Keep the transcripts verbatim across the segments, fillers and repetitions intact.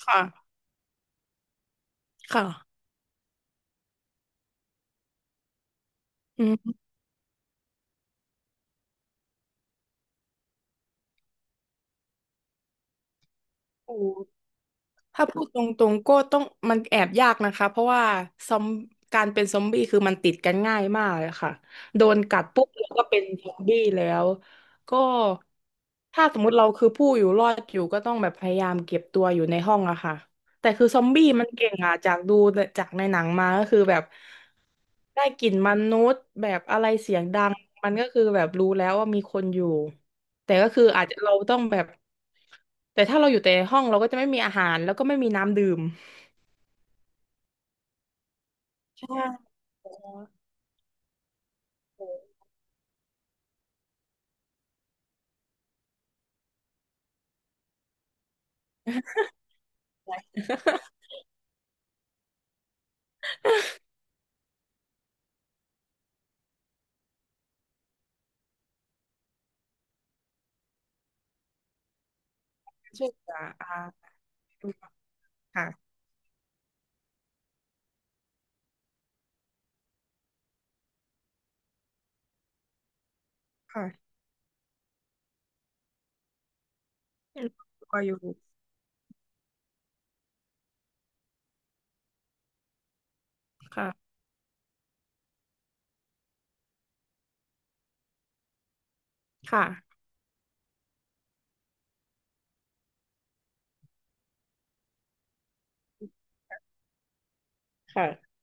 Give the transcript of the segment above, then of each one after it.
ค่ะ ค่ะอืมโอ้ถ้าพูดตรงๆก็ต้องมันแอบยากนะคะเพราะว่าซอมการเป็นซอมบี้คือมันติดกันง่ายมากเลยค่ะโดนกัดปุ๊บแล้วก็เป็นซอมบี้แล้วก็ถ้าสมมุติเราคือผู้อยู่รอดอยู่ก็ต้องแบบพยายามเก็บตัวอยู่ในห้องอะค่ะแต่คือซอมบี้มันเก่งอะจากดูจากในหนังมาก็คือแบบได้กลิ่นมนุษย์แบบอะไรเสียงดังมันก็คือแบบรู้แล้วว่ามีคนอยู่ แต่ก็คืออาจจะเราต้องแบบแต่ถ้าเราอยู่แต่ในห้องเราก็จะไม่มีอาหารแล้วก็ไม่มีน้ำดื่มใช่ช่วยเหลืออ่าค่ะค่ะก็อยู่ค่ะค่ะค่ะ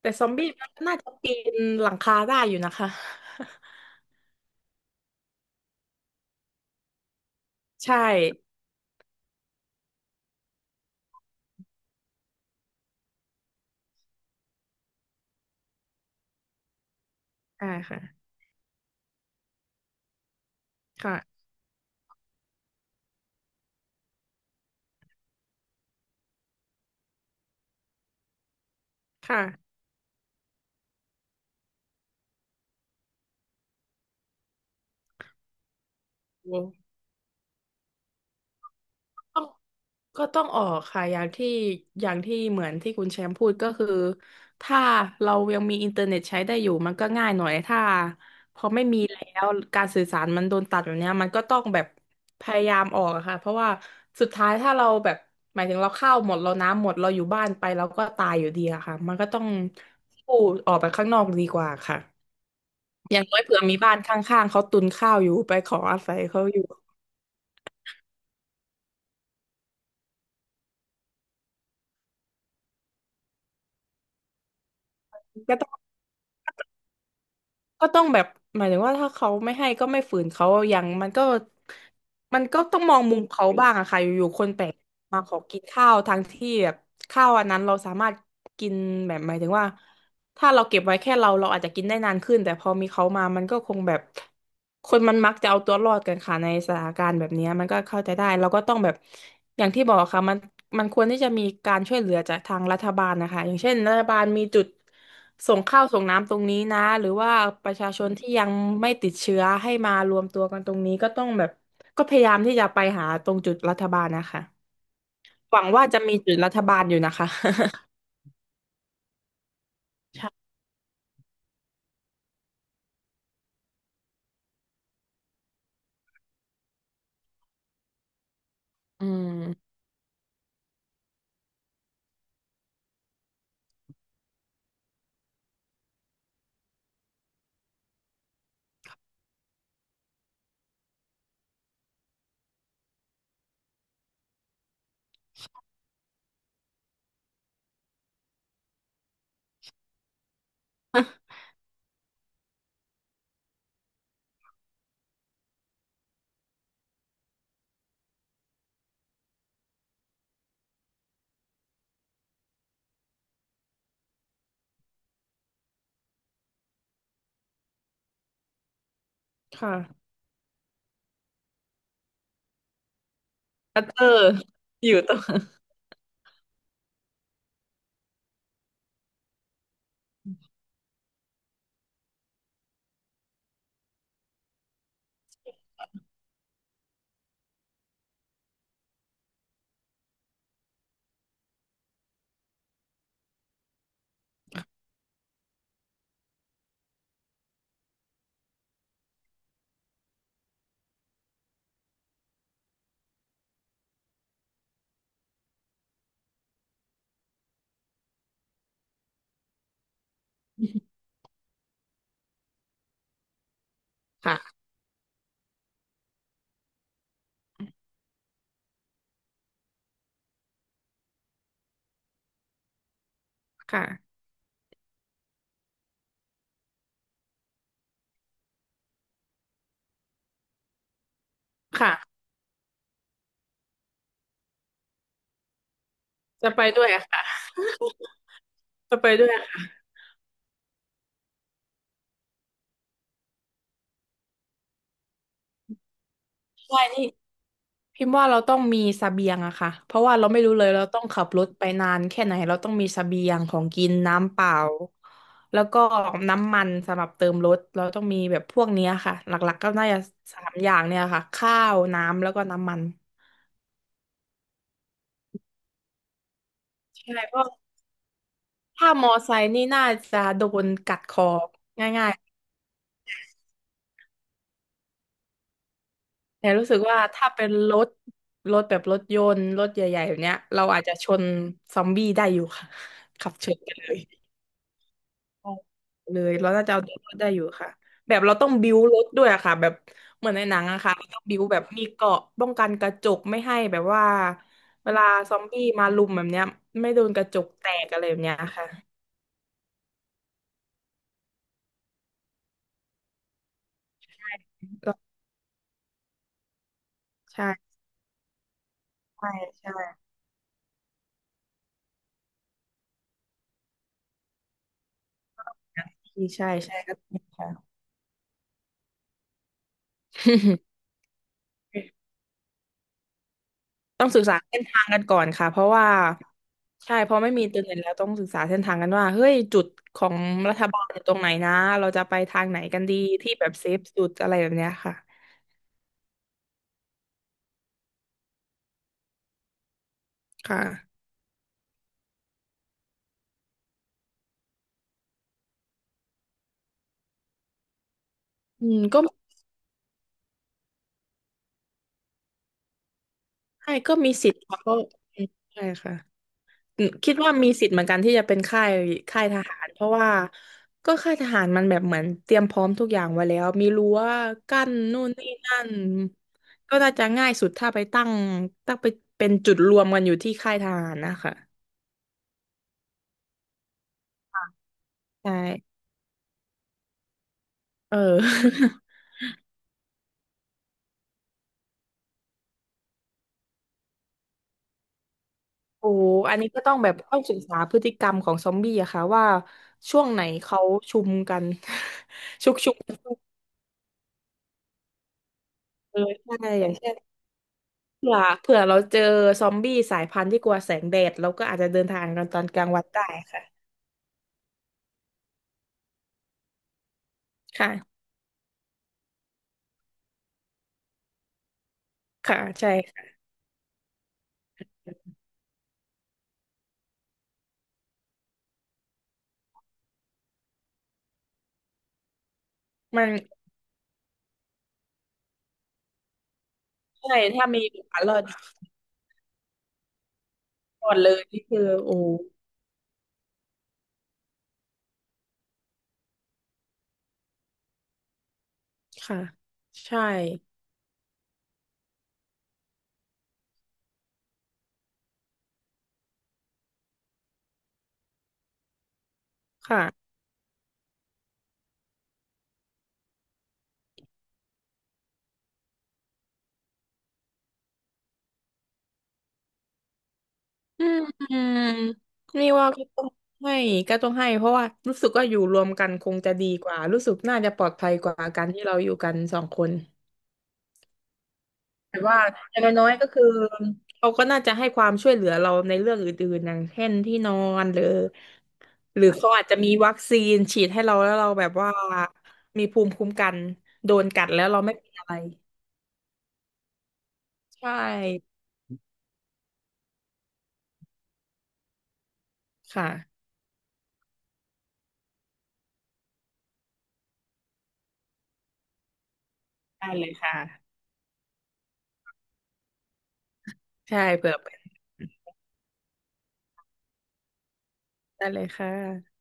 แต่ซอมบี้มันน่าจะปีนหลังคาได้อยู่นะคะใช่ใช่าค่ะค่ะค่ะ ต้องก็ต้องออกค่ะอย่างที่อย่างที่เหมือนที่คุณแชมป์พูดก็คือถ้าเรายังมีอินเทอร์เน็ตใช้ได้อยู่มันก็ง่ายหน่อยถ้าพอไม่มีแล้วการสื่อสารมันโดนตัดแบบเนี้ยมันก็ต้องแบบพยายามออกอะค่ะเพราะว่าสุดท้ายถ้าเราแบบหมายถึงเราข้าวหมดเราน้ำหมดเราอยู่บ้านไปเราก็ตายอยู่ดีอะค่ะมันก็ต้องสู้ออกไปข้างนอกดีกว่าค่ะอย่างน้อยเผื่อมีบ้านข้างๆเขาตุนข้าวอยู่ไปขออาศัยเขาอยู่ก็ต้อง ก็ต้องแบบหมายถึงว่าถ้าเขาไม่ให้ก็ไม่ฝืนเขาอย่างมันก็มันก็ต้องมองมุมเขาบ้างอะค่ะอยู่ๆคนแปลกมาขอกินข้าวทั้งที่แบบข้าวอันนั้นเราสามารถกินแบบหมายถึงว่าถ้าเราเก็บไว้แค่เราเราอาจจะกินได้นานขึ้นแต่พอมีเขามามันก็คงแบบคนมันมักจะเอาตัวรอดกันค่ะในสถานการณ์แบบเนี้ยมันก็เข้าใจได้เราก็ต้องแบบอย่างที่บอกค่ะมันมันควรที่จะมีการช่วยเหลือจากทางรัฐบาลนะคะอย่างเช่นรัฐบาลมีจุด ส่งข้าวส่งน้ำตรงนี้นะหรือว่าประชาชนที่ยังไม่ติดเชื้อให้มารวมตัวกันตรงนี้ก็ต้องแบบก็พยายามที่จะไปหาตรงจุดรัฐบาลนะคะหวังว่าจะมีจุดรัฐบาลอยู่นะคะ ใช่อืมค่ะอัตเตออยู่ตรงค่ะค่ะค่ะจะไปด้วยอะค่ะจะไปด้วยอะค่ะใช่นี่ พิมพ์ว่าเราต้องมีเสบียงอะค่ะ เพราะว่าเราไม่รู้เลยเราต้องขับรถไปนานแค่ไหนเราต้องมีเสบียงของกินน้ำเปล่าแล้วก็น้ำมันสำหรับเติมรถเราต้องมีแบบพวกเนี้ยค่ะหลักๆก็น่าจะสามอย่างเนี่ยค่ะข้าวน้ำแล้วก็น้ำมันใช่เพราะถ้ามอไซค์นี่น่าจะโดนกัดคอง่ายๆแต่รู้สึกว่าถ้าเป็นรถรถแบบรถยนต์รถใหญ่ๆแบบเนี้ยเราอาจจะชนซอมบี้ได้อยู่ค่ะขับชนกันเลย ออกเลยเราน่าจะเอาตัวรอดได้อยู่ค่ะแบบเราต้องบิ้วรถด้วยอะค่ะแบบเหมือนในหนังอะค่ะเราต้องบิ้วแบบมีเกราะป้องกันกระจกไม่ให้แบบว่าเวลาซอมบี้มารุมแบบเนี้ยไม่โดนกระจกแตกอะไรแบบเนี้ยค่ะก็ใช่ใช่ใช่พี่ใช่ใช่ก็ต้องค่ะ ต้องศึกษาเส้นทางกันก่อนค่ะเพราะว่าใช่เพราะไม่มีอินเทอร์เน็ตแล้วต้องศึกษาเส้นทางกันว่าเฮ้ยจุดของรัฐบาลอยู่ตรงไหนนะเราจะไปทางไหนกันดีที่แบบเซฟสุดอะไรแบบเนี้ยค่ะค่ะ อืมก็ใช่ก็มีสิทธิ์ค่ะก็อืมใช่ค่ะอืมคิดว่ามีสิทธิ์เหมือนกันที่จะเป็นค่ายค่ายทหารเพราะว่าก็ค่ายทหารมันแบบเหมือนเตรียมพร้อมทุกอย่างไว้แล้วมีรั้วกั้นนู่นนี่นั่นก็น่าจะง่ายสุดถ้าไปตั้งตั้งไปเป็นจุดรวมกันอยู่ที่ค่ายทหารนะคะใช่เออ โอ้อันนี้ก็ต้องแบบต้องศึกษาพฤติกรรมของซอมบี้อะค่ะว่าช่วงไหนเขาชุมกัน ชุกชุมกันเลยใช่อย่างเช่น เผื่อเผื่อเราเจอซอมบี้สายพันธุ์ที่กลัวแสงแดดเราก็อาจจะเดินทางกันตอนกลางวันได้ค่ะ ค่ะค่ะใช่ค่ะมันใช่ถ้ามีโอกาสรอดรอดเลยนี่คือโอ้ค่ะใช่ค่ะอืมนี่ว่าก็ต้องให้ก็ต้องให้เพราะว่ารู้สึกว่าอยู่รวมกันคงจะดีกว่ารู้สึกน่าจะปลอดภัยกว่าการที่เราอยู่กันสองคน แต่ว่าอย่างน้อยๆก็คือเขาก็น่าจะให้ความช่วยเหลือเราในเรื่องอื่นๆอย่างเช่นที่นอนหรือหรือเขาอาจจะมีวัคซีนฉีดให้เราแล้วเราแบบว่ามีภูมิคุ้มกันโดนกัดแล้วเราไม่เป็นอะไรใช่ค่ะได้เลยค่ะใช่เผื่อเป็นได้เลยค่ะ